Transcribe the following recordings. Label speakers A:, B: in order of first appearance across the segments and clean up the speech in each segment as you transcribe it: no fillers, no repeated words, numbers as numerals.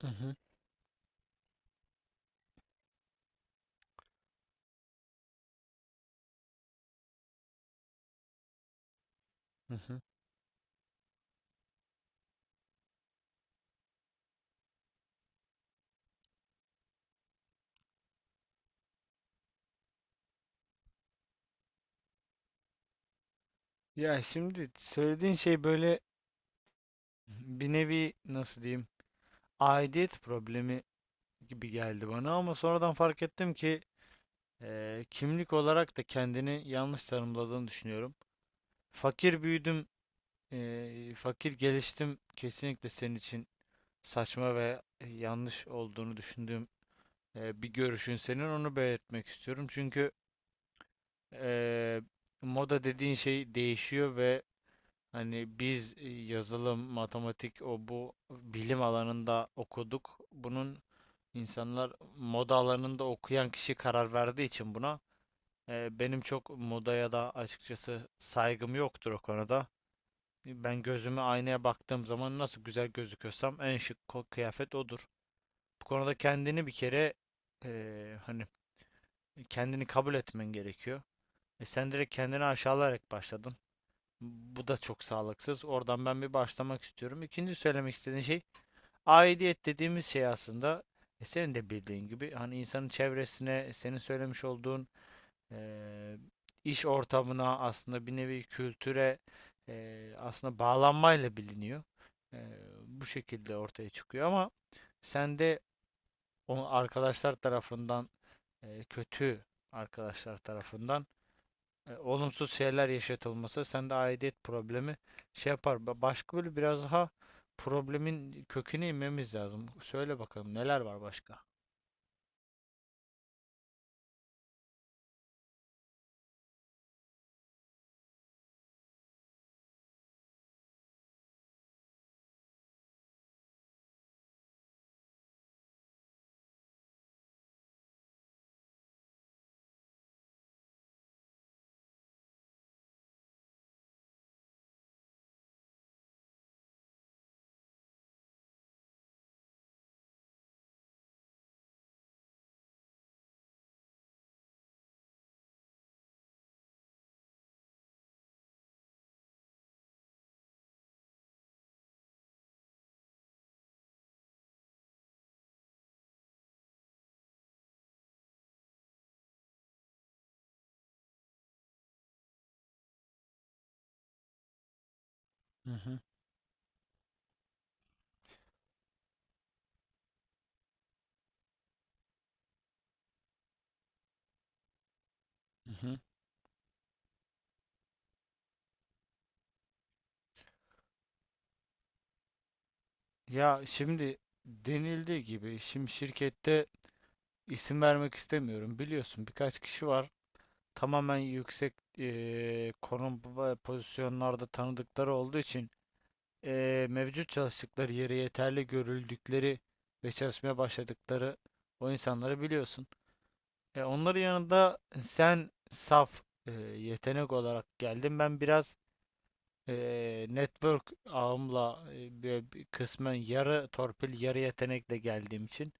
A: Hı hı, hı hı. Ya şimdi söylediğin şey böyle bir nevi nasıl diyeyim aidiyet problemi gibi geldi bana ama sonradan fark ettim ki kimlik olarak da kendini yanlış tanımladığını düşünüyorum. Fakir büyüdüm, fakir geliştim kesinlikle senin için saçma ve yanlış olduğunu düşündüğüm bir görüşün senin onu belirtmek istiyorum. Çünkü eee, moda dediğin şey değişiyor ve hani biz yazılım, matematik, o bu bilim alanında okuduk. Bunun insanlar moda alanında okuyan kişi karar verdiği için buna benim çok modaya da açıkçası saygım yoktur o konuda. Ben gözümü aynaya baktığım zaman nasıl güzel gözüküyorsam en şık kıyafet odur. Bu konuda kendini bir kere hani kendini kabul etmen gerekiyor. Sen direkt kendini aşağılayarak başladın. Bu da çok sağlıksız. Oradan ben bir başlamak istiyorum. İkinci söylemek istediğim şey aidiyet dediğimiz şey aslında senin de bildiğin gibi hani insanın çevresine, senin söylemiş olduğun eee, iş ortamına aslında bir nevi kültüre aslında bağlanmayla biliniyor. Eee, bu şekilde ortaya çıkıyor ama sen de onu arkadaşlar tarafından kötü arkadaşlar tarafından olumsuz şeyler yaşatılması sende aidiyet problemi şey yapar. Başka böyle biraz daha problemin köküne inmemiz lazım. Söyle bakalım neler var başka? Hı hı. Hı hı. Ya şimdi denildiği gibi şimdi şirkette isim vermek istemiyorum. Biliyorsun birkaç kişi var. Tamamen yüksek konum ve pozisyonlarda tanıdıkları olduğu için mevcut çalıştıkları yere yeterli görüldükleri ve çalışmaya başladıkları o insanları biliyorsun. Ya onların yanında sen saf yetenek olarak geldin. Ben biraz network ağımla böyle bir kısmen yarı torpil, yarı yetenekle geldiğim için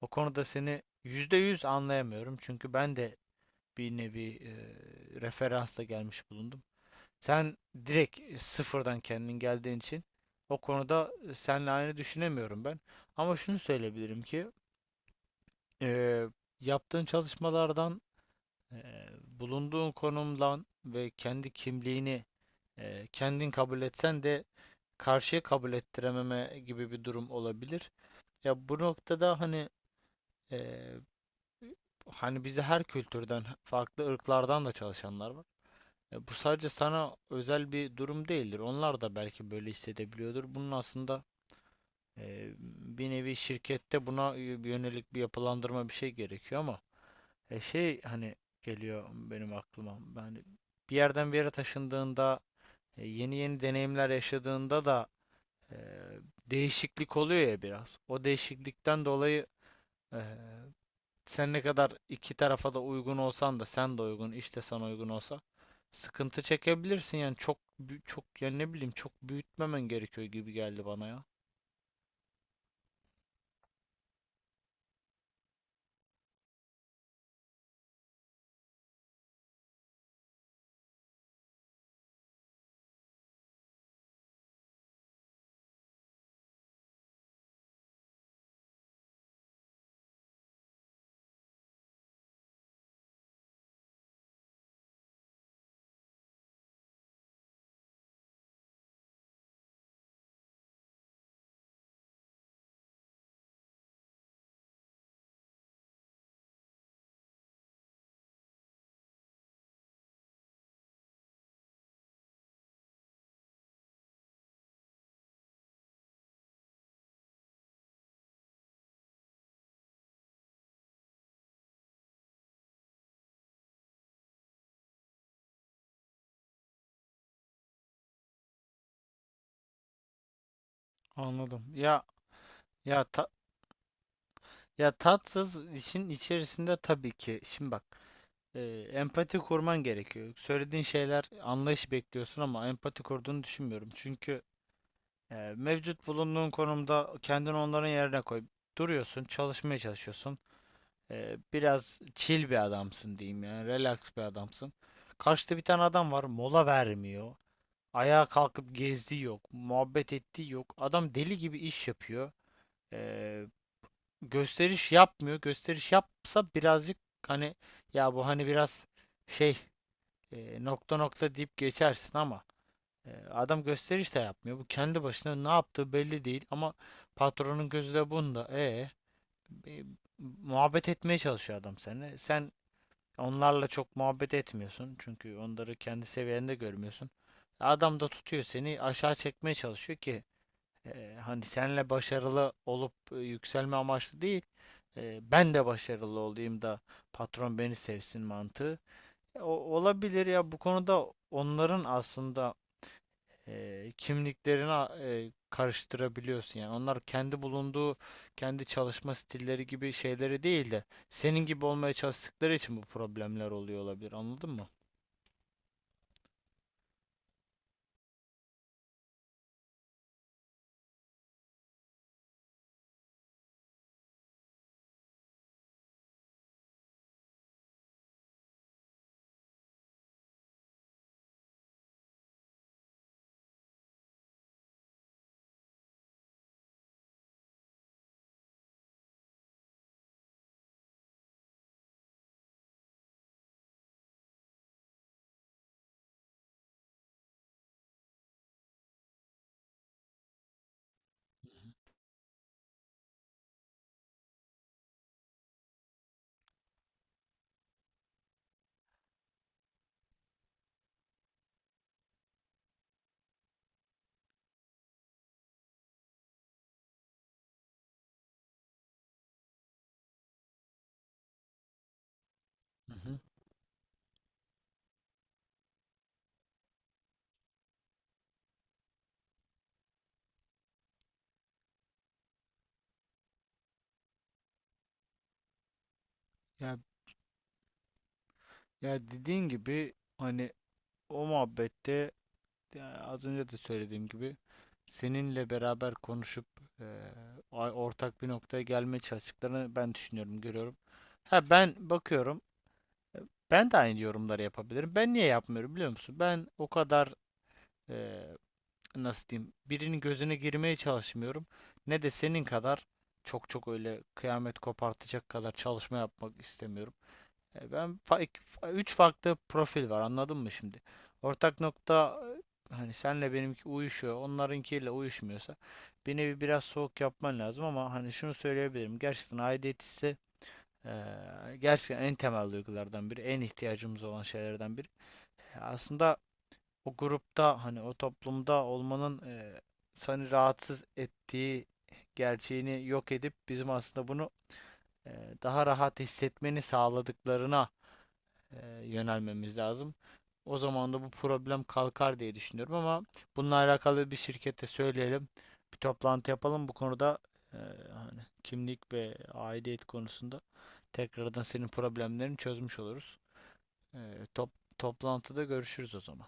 A: o konuda seni %100 anlayamıyorum. Çünkü ben de bir nevi referansla gelmiş bulundum. Sen direkt sıfırdan kendin geldiğin için o konuda seninle aynı düşünemiyorum ben. Ama şunu söyleyebilirim ki e, yaptığın çalışmalardan Eee, bulunduğun konumdan ve kendi kimliğini kendin kabul etsen de karşıya kabul ettirememe gibi bir durum olabilir. Ya bu noktada eee, hani bizde her kültürden, farklı ırklardan da çalışanlar var. Bu sadece sana özel bir durum değildir. Onlar da belki böyle hissedebiliyordur. Bunun aslında eee, bir nevi şirkette buna yönelik bir yapılandırma bir şey gerekiyor ama şey hani geliyor benim aklıma. Yani bir yerden bir yere taşındığında, yeni yeni deneyimler yaşadığında da e, değişiklik oluyor ya biraz. O değişiklikten dolayı e, sen ne kadar iki tarafa da uygun olsan da sen de uygun, işte sana uygun olsa sıkıntı çekebilirsin yani çok çok yani ne bileyim çok büyütmemen gerekiyor gibi geldi bana ya. Anladım. Ya ta- ya tatsız işin içerisinde tabii ki. Şimdi bak e, empati kurman gerekiyor. Söylediğin şeyler anlayış bekliyorsun ama empati kurduğunu düşünmüyorum. Çünkü mevcut bulunduğun konumda kendini onların yerine koy. Duruyorsun, çalışmaya çalışıyorsun. Biraz chill bir adamsın diyeyim yani, relax bir adamsın. Karşıda bir tane adam var, mola vermiyor. Ayağa kalkıp gezdiği yok, muhabbet ettiği yok. Adam deli gibi iş yapıyor. E, gösteriş yapmıyor. Gösteriş yapsa birazcık hani ya bu hani biraz şey nokta nokta deyip geçersin ama adam gösteriş de yapmıyor. Bu kendi başına ne yaptığı belli değil ama patronun gözü de bunda. E, muhabbet etmeye çalışıyor adam seninle. Sen onlarla çok muhabbet etmiyorsun çünkü onları kendi seviyende görmüyorsun. Adam da tutuyor seni aşağı çekmeye çalışıyor ki hani senle başarılı olup yükselme amaçlı değil. Ben de başarılı olayım da patron beni sevsin mantığı. Olabilir ya bu konuda onların aslında kimliklerini karıştırabiliyorsun yani onlar kendi bulunduğu kendi çalışma stilleri gibi şeyleri değil de senin gibi olmaya çalıştıkları için bu problemler oluyor olabilir anladın mı? Hı hı. Ya ya dediğin gibi hani o muhabbette ya az önce de söylediğim gibi seninle beraber konuşup e, ortak bir noktaya gelmeye çalıştıklarını ben düşünüyorum görüyorum. Ha ben bakıyorum. Ben de aynı yorumları yapabilirim. Ben niye yapmıyorum biliyor musun? Ben o kadar e, nasıl diyeyim birinin gözüne girmeye çalışmıyorum. Ne de senin kadar çok çok öyle kıyamet kopartacak kadar çalışma yapmak istemiyorum. Ben üç farklı profil var anladın mı şimdi? Ortak nokta hani senle benimki uyuşuyor. Onlarınkiyle uyuşmuyorsa bir nevi biraz soğuk yapman lazım ama hani şunu söyleyebilirim. Gerçekten aidiyet hissi gerçekten en temel duygulardan biri, en ihtiyacımız olan şeylerden biri. Aslında o grupta hani o toplumda olmanın seni rahatsız ettiği gerçeğini yok edip bizim aslında bunu e, daha rahat hissetmeni sağladıklarına yönelmemiz lazım. O zaman da bu problem kalkar diye düşünüyorum ama bununla alakalı bir şirkete söyleyelim. Bir toplantı yapalım bu konuda e, hani kimlik ve aidiyet konusunda tekrardan senin problemlerini çözmüş oluruz. E, top, toplantıda görüşürüz o zaman.